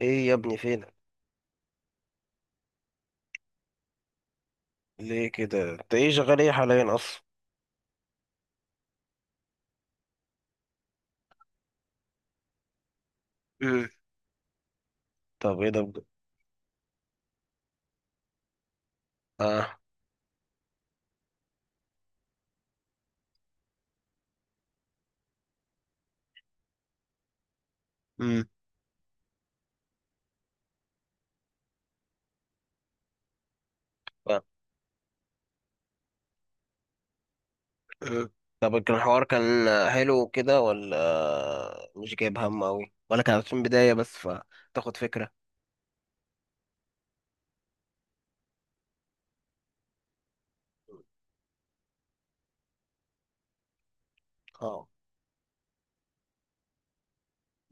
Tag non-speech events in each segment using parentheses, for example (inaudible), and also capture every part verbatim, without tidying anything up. ايه يا ابني فينك؟ ليه كده؟ انت ايه شغال ايه حاليا اصلا؟ امم طب ايه ده بجد؟ اه. امم آه. أه. طب كان الحوار كان حلو كده ولا مش جايب هم اوي ولا كان في البداية بس فتاخد فكرة؟ اه.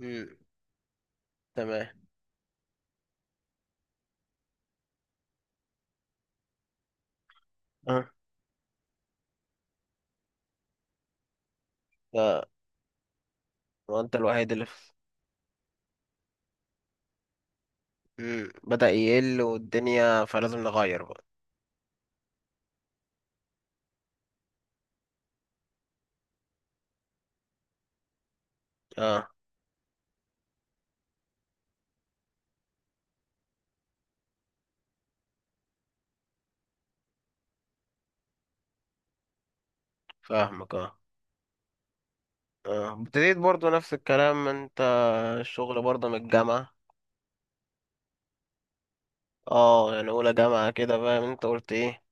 امم تمام. أه. لا، هو انت الوحيد اللي في- امم بدأ يقل والدنيا فلازم نغير بقى. اه، فاهمك. اه، اه، ابتديت برضو نفس الكلام انت الشغل برضو من الجامعة. اه يعني اولى جامعة كده، فاهم انت قلت ايه،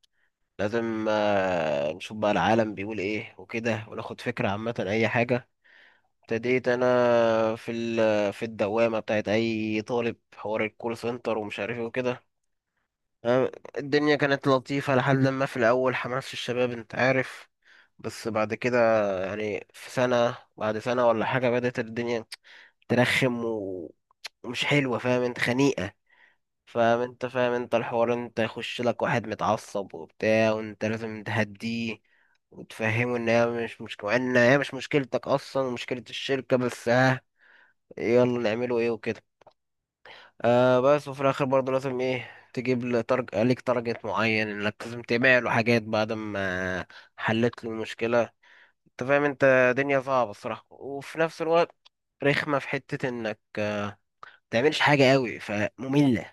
لازم آه، نشوف بقى العالم بيقول ايه وكده وناخد فكرة عامة اي حاجة. ابتديت انا في ال في الدوامة بتاعت اي طالب، حوار الكول سنتر ومش عارف ايه وكده. آه، الدنيا كانت لطيفة لحد لما، في الاول حماس الشباب انت عارف، بس بعد كده يعني في سنة بعد سنة ولا حاجة بدأت الدنيا ترخم و- ومش حلوة، فاهم انت، خنيقة. فاهم انت، فاهم انت الحوار، انت يخش لك واحد متعصب وبتاع وانت لازم تهديه وتفهمه ان هي مش مشكلة، ان هي مش مشكلتك اصلا، ومشكلة الشركة، بس ها يلا نعمله ايه وكده. آه بس وفي الاخر برضه لازم ايه تجيب له تارج... ليك تارجت معين انك لازم تبيع له حاجات بعد ما حلت له المشكلة. انت فاهم انت دنيا صعبة الصراحة، وفي نفس الوقت رخمة في حتة انك متعملش حاجة قوي، فمملة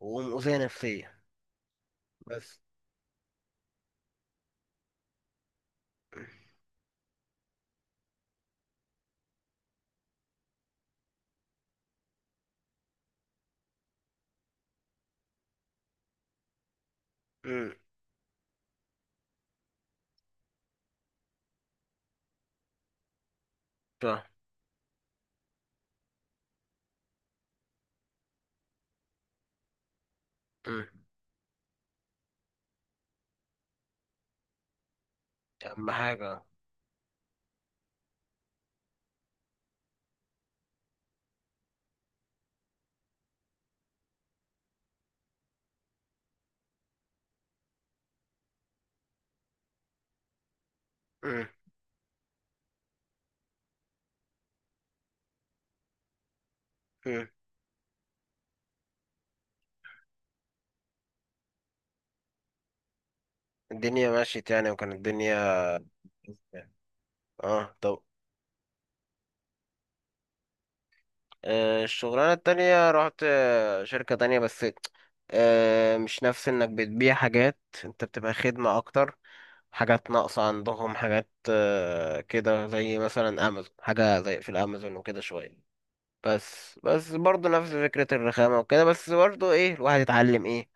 ومؤذية نفسيا. بس. امم. فاهم. امم. دي أهم حاجة. امم. امم. الدنيا مشيت يعني، وكانت الدنيا، اه طب. آه، الشغلانة التانية رحت آه، شركة تانية بس. آه، مش نفس انك بتبيع حاجات، انت بتبقى خدمة اكتر، حاجات ناقصة عندهم، حاجات آه، كده زي مثلا امازون، حاجة زي في الامازون وكده شوية. بس بس برضه نفس فكرة الرخامة وكده، بس برضه ايه الواحد يتعلم ايه،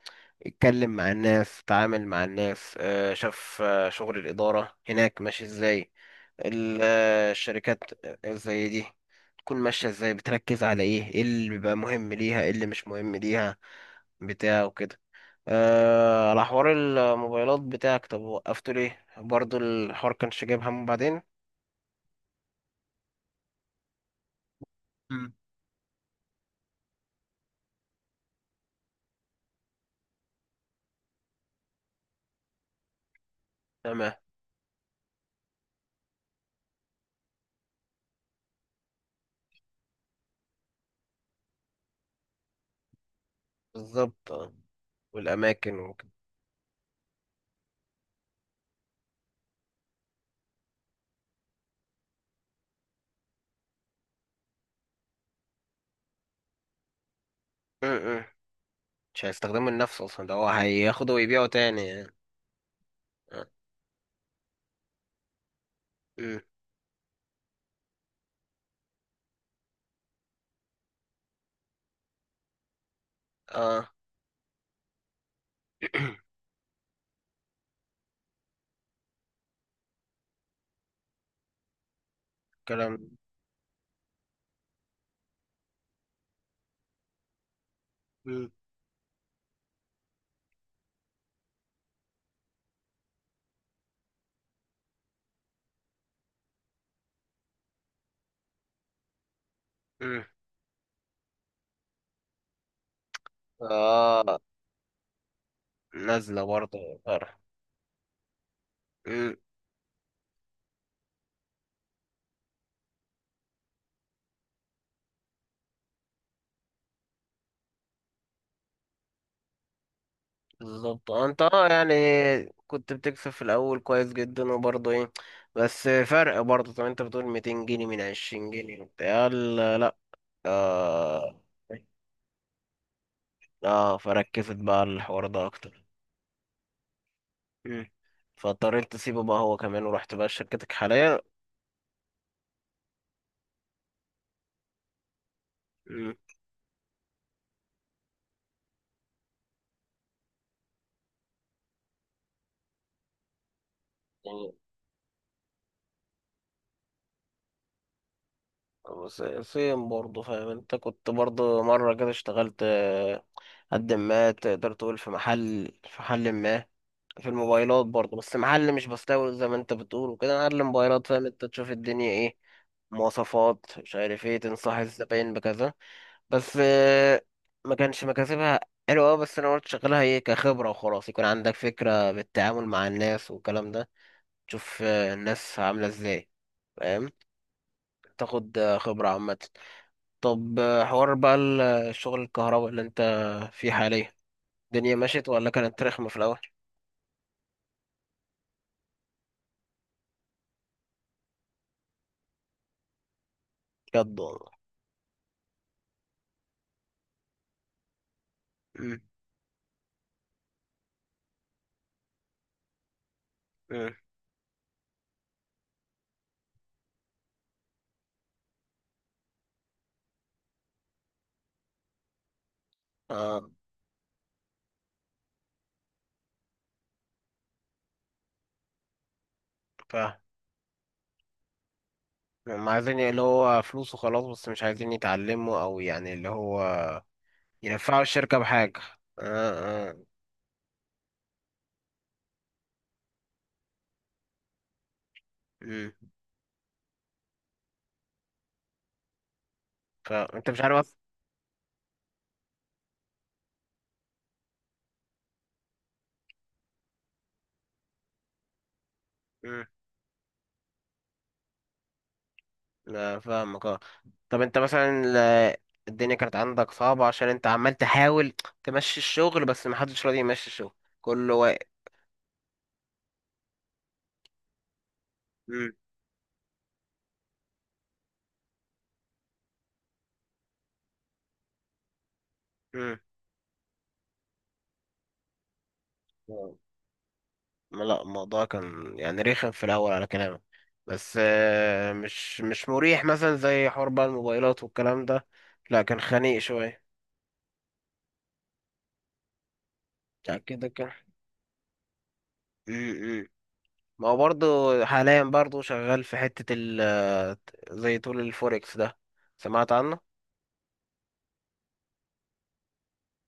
يتكلم مع الناس، يتعامل مع الناس، آه، شاف آه، شغل الإدارة هناك ماشي ازاي، ال- آه، الشركات زي دي تكون ماشية ازاي، بتركز على ايه، ايه اللي بيبقى مهم ليها، ايه اللي مش مهم ليها، بتاع وكده. آه، على حوار الموبايلات بتاعك، طب وقفته ليه؟ برضه الحوار كانش جايب همه بعدين؟ مم. تمام. بالظبط. آه، والأماكن وكده. مش هيستخدمه لنفسه اصلا، ده هو هياخده ويبيعه تاني يعني. اه. مم. آه. (clears throat) كلام. مم. مم. اه، نازلة برضه فرق. مم. بالظبط. آه، انت اه يعني كنت بتكسب في الاول كويس جدا، وبرضه ايه بس فرق برضه. طب انت بتقول مئتين جنيه من عشرين جنيه وبتاع؟ لا لا. اه اه، فركزت بقى على الحوار ده اكتر. مم. فاضطريت تسيبه بقى هو كمان، ورحت بقى شركتك حاليا. مم. بس سيم برضه، فاهم انت، كنت برضه مرة كده اشتغلت آه، قد ما تقدر تقول في محل، في محل ما في الموبايلات برضه، بس محل مش بستورد زي ما انت بتقول وكده، محل موبايلات، فاهم انت، تشوف الدنيا ايه، مواصفات، مش عارف ايه، تنصح الزباين بكذا. بس آه، ما كانش مكاسبها حلوة أوي، بس انا قلت شغلها ايه كخبرة، وخلاص يكون عندك فكرة بالتعامل مع الناس والكلام ده، تشوف آه، الناس عاملة ازاي، فاهم، تاخد آه، خبرة عامة. طب آه، حوار بقى ال- الشغل الكهرباء اللي انت فيه حاليا، الدنيا مشيت ولا كانت رخمة في الأول؟ بجد والله. مم، مم. اه. فاهم. هم عايزين اللي هو فلوس وخلاص، بس مش عايزين يتعلموا، أو يعني اللي هو ينفعوا الشركة بحاجة. اه اه. مم. فأنت مش عارف أص- مم. لا فاهمك. اه طب انت مثلا ال- الدنيا كانت عندك صعبة عشان انت عمال تحاول تمشي الشغل، بس محدش راضي يمشي الشغل، كله واقف. مم، مم. لا الموضوع كان يعني رخم في الاول على كلامك، بس آه، مش مش مريح مثلا زي حوار بقى الموبايلات والكلام ده. لا كان خنيق شويه. يعني كده كان. امم. ما هو برضه حاليا برضه شغال في حته ال، زي طول الفوركس ده، سمعت عنه؟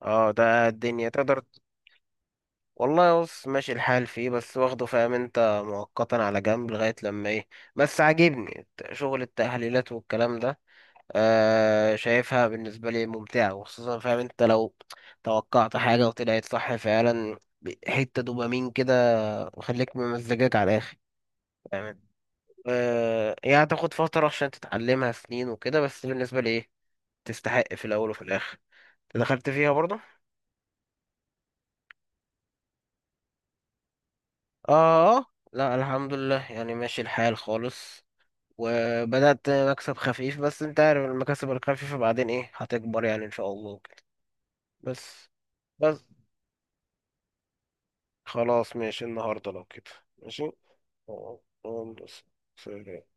اه ده الدنيا تقدر. والله بص ماشي الحال فيه، بس واخده فاهم انت مؤقتا على جنب لغايه لما ايه. بس عاجبني الت- شغل التحليلات والكلام ده. آه شايفها بالنسبة لي ممتعة، وخصوصا فاهم انت لو توقعت حاجة وطلعت صح فعلا ب- حتة دوبامين كده، وخليك ممزجاك على الآخر. فاهم. آه هي هتاخد فترة عشان تتعلمها، سنين وكده، بس بالنسبة لي ايه تستحق في الأول وفي الآخر. دخلت فيها برضه. اه آه، لا الحمد لله يعني ماشي الحال خالص، وبدأت مكسب خفيف، بس انت عارف المكاسب الخفيفة بعدين ايه هتكبر يعني ان شاء الله وكده. بس. بس خلاص ماشي النهارده لو كده. ماشي. أه، أه، بس. سلام